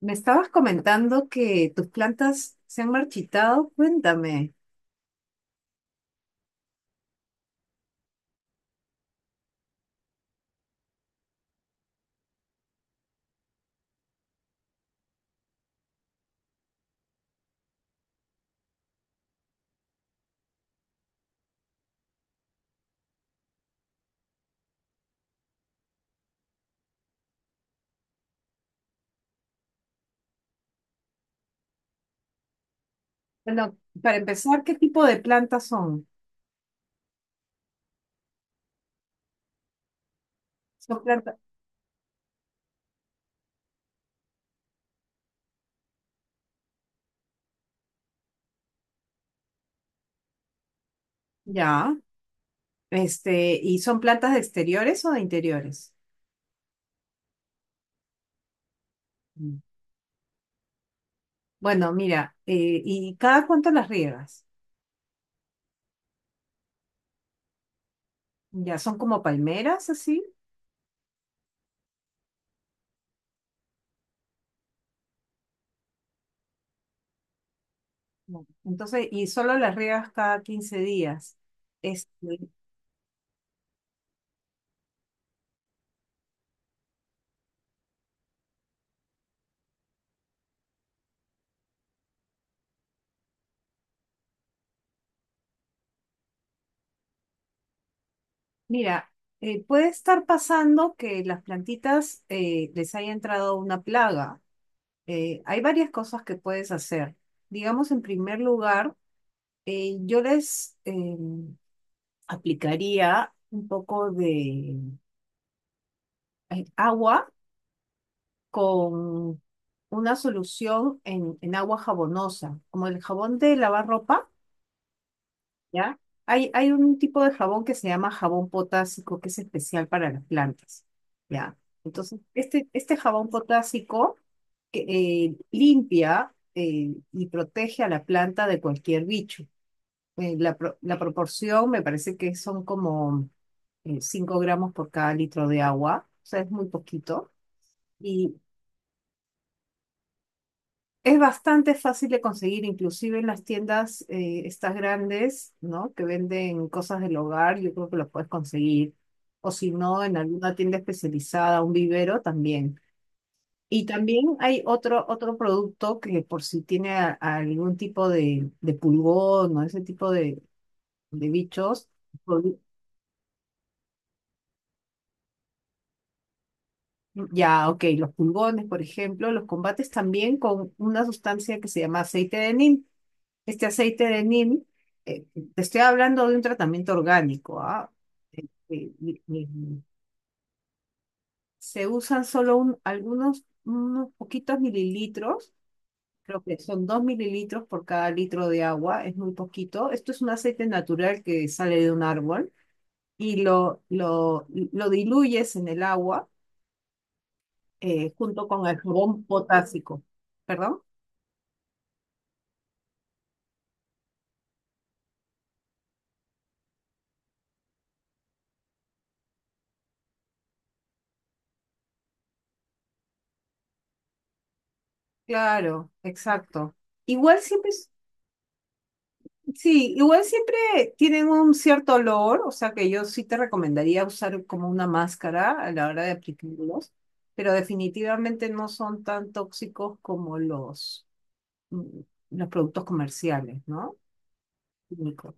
Me estabas comentando que tus plantas se han marchitado. Cuéntame. Bueno, para empezar, ¿qué tipo de plantas son? Son plantas, ya, ¿y son plantas de exteriores o de interiores? Mm. Bueno, mira, ¿y cada cuánto las riegas? Ya, son como palmeras, así. No. Entonces, y solo las riegas cada 15 días. Este, mira, puede estar pasando que las plantitas les haya entrado una plaga. Hay varias cosas que puedes hacer. Digamos, en primer lugar, eh, yo les em, aplicaría un poco de agua con una solución en agua jabonosa, como el jabón de lavar ropa. ¿Ya? Hay un tipo de jabón que se llama jabón potásico, que es especial para las plantas, ¿ya? Entonces, este jabón potásico que, limpia y protege a la planta de cualquier bicho. La proporción me parece que son como 5 gramos por cada litro de agua, o sea, es muy poquito. Es bastante fácil de conseguir, inclusive en las tiendas estas grandes, ¿no? Que venden cosas del hogar, yo creo que los puedes conseguir. O si no, en alguna tienda especializada, un vivero también. Y también hay otro producto que por si tiene a algún tipo de pulgón o ese tipo de bichos. pol- Ya, ok, los pulgones, por ejemplo, los combates también con una sustancia que se llama aceite de neem. Este aceite de neem, eh, te estoy hablando de un tratamiento orgánico, ¿ah? Y se usan solo algunos, unos poquitos mililitros, creo que son 2 mililitros por cada litro de agua, es muy poquito. Esto es un aceite natural que sale de un árbol y lo diluyes en el agua junto con el jabón potásico. ¿Perdón? Claro, exacto. Igual siempre, sí, igual siempre tienen un cierto olor, o sea que yo sí te recomendaría usar como una máscara a la hora de aplicarlos, pero definitivamente no son tan tóxicos como mm, los productos comerciales, ¿no? Químicos.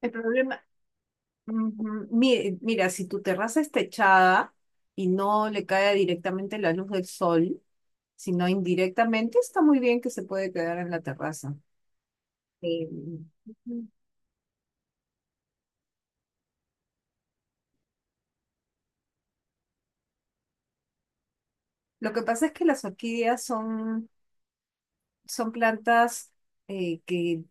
El problema, mira, si tu terraza está techada y no le cae directamente la luz del sol, sino indirectamente, está muy bien que se puede quedar en la terraza. Eh, ujú. Lo que pasa es que las orquídeas son son plantas que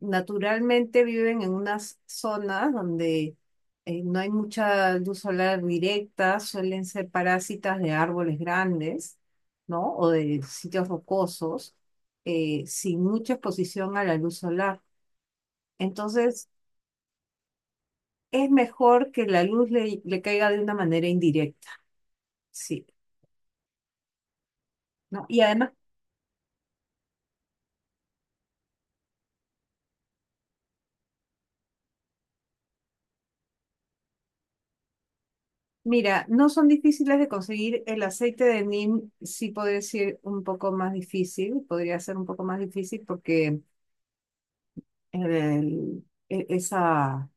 naturalmente viven en unas zonas donde no hay mucha luz solar directa, suelen ser parásitas de árboles grandes, ¿no? O de sitios rocosos, sin mucha exposición a la luz solar. Entonces, es mejor que la luz le caiga de una manera indirecta, sí, ¿no? Y además mira, no son difíciles de conseguir. El aceite de neem sí podría ser un poco más difícil, podría ser un poco más difícil porque el- e- esa,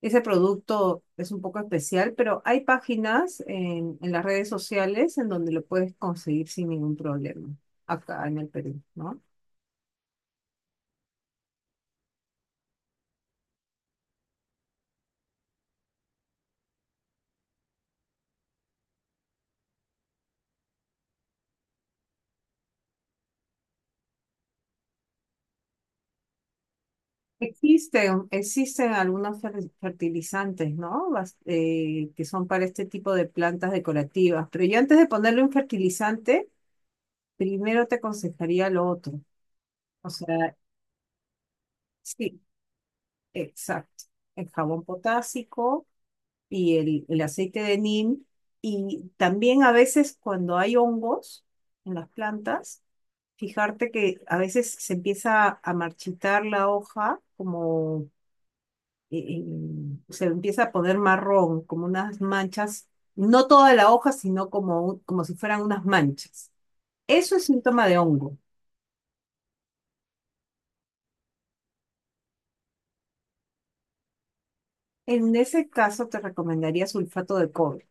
ese producto es un poco especial, pero hay páginas en las redes sociales en donde lo puedes conseguir sin ningún problema, acá en el Perú, ¿no? Existen, existen algunos fertilizantes, ¿no? Que son para este tipo de plantas decorativas, pero yo antes de ponerle un fertilizante, primero te aconsejaría lo otro. O sea, sí, exacto. El jabón potásico y el aceite de neem. Y también a veces cuando hay hongos en las plantas, fijarte que a veces se empieza a marchitar la hoja, como eh, eh, se empieza a poner marrón, como unas manchas, no toda la hoja, sino como, como si fueran unas manchas. Eso es síntoma de hongo. En ese caso te recomendaría sulfato de cobre.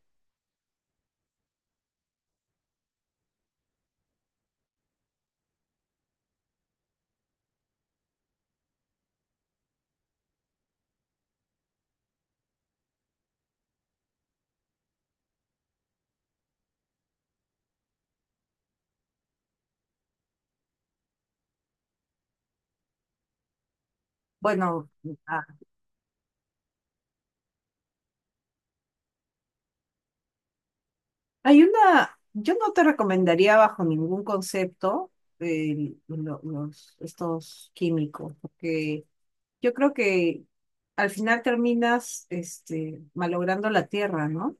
Bueno, ah, hay una, yo no te recomendaría bajo ningún concepto estos químicos, porque yo creo que al final terminas este, malogrando la tierra, ¿no?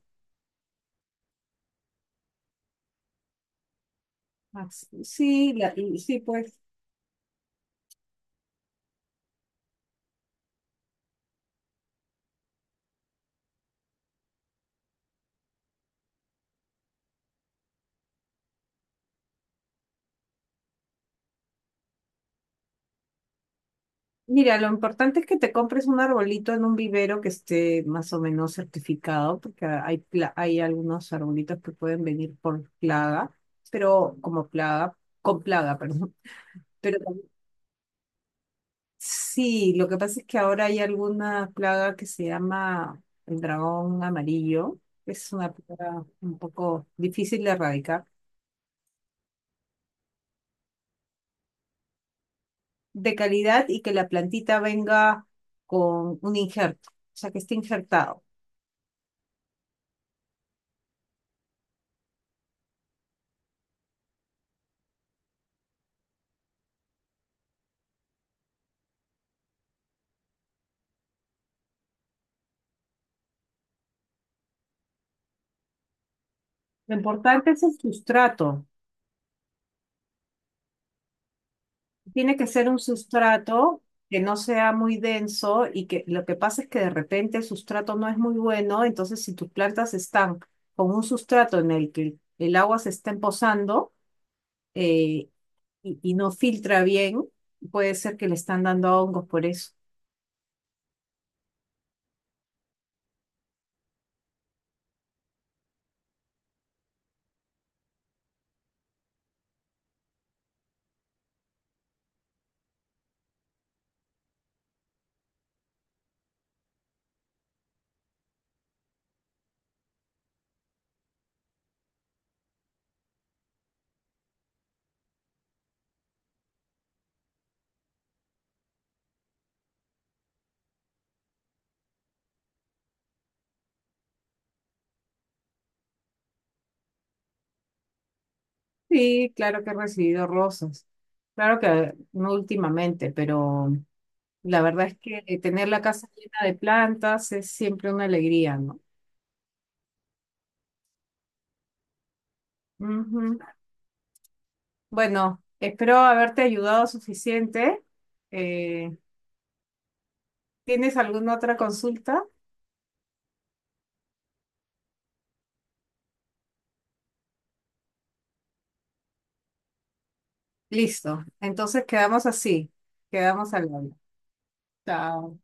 Sí, sí, pues. Mira, lo importante es que te compres un arbolito en un vivero que esté más o menos certificado, porque hay algunos arbolitos que pueden venir por plaga, pero como plaga, con plaga, perdón. Pero sí, lo que pasa es que ahora hay alguna plaga que se llama el dragón amarillo. Es una plaga un poco difícil de erradicar. De calidad y que la plantita venga con un injerto, o sea, que esté injertado. Lo importante es el sustrato. Tiene que ser un sustrato que no sea muy denso y que lo que pasa es que de repente el sustrato no es muy bueno, entonces si tus plantas están con un sustrato en el que el agua se está empozando, eh, y no filtra bien, puede ser que le están dando hongos por eso. Sí, claro que he recibido rosas. Claro que no últimamente, pero la verdad es que tener la casa llena de plantas es siempre una alegría, ¿no? Ujú. Bueno, espero haberte ayudado suficiente. Eh, ¿Tienes alguna otra consulta? Listo. Entonces quedamos así. Quedamos al habla. Chao.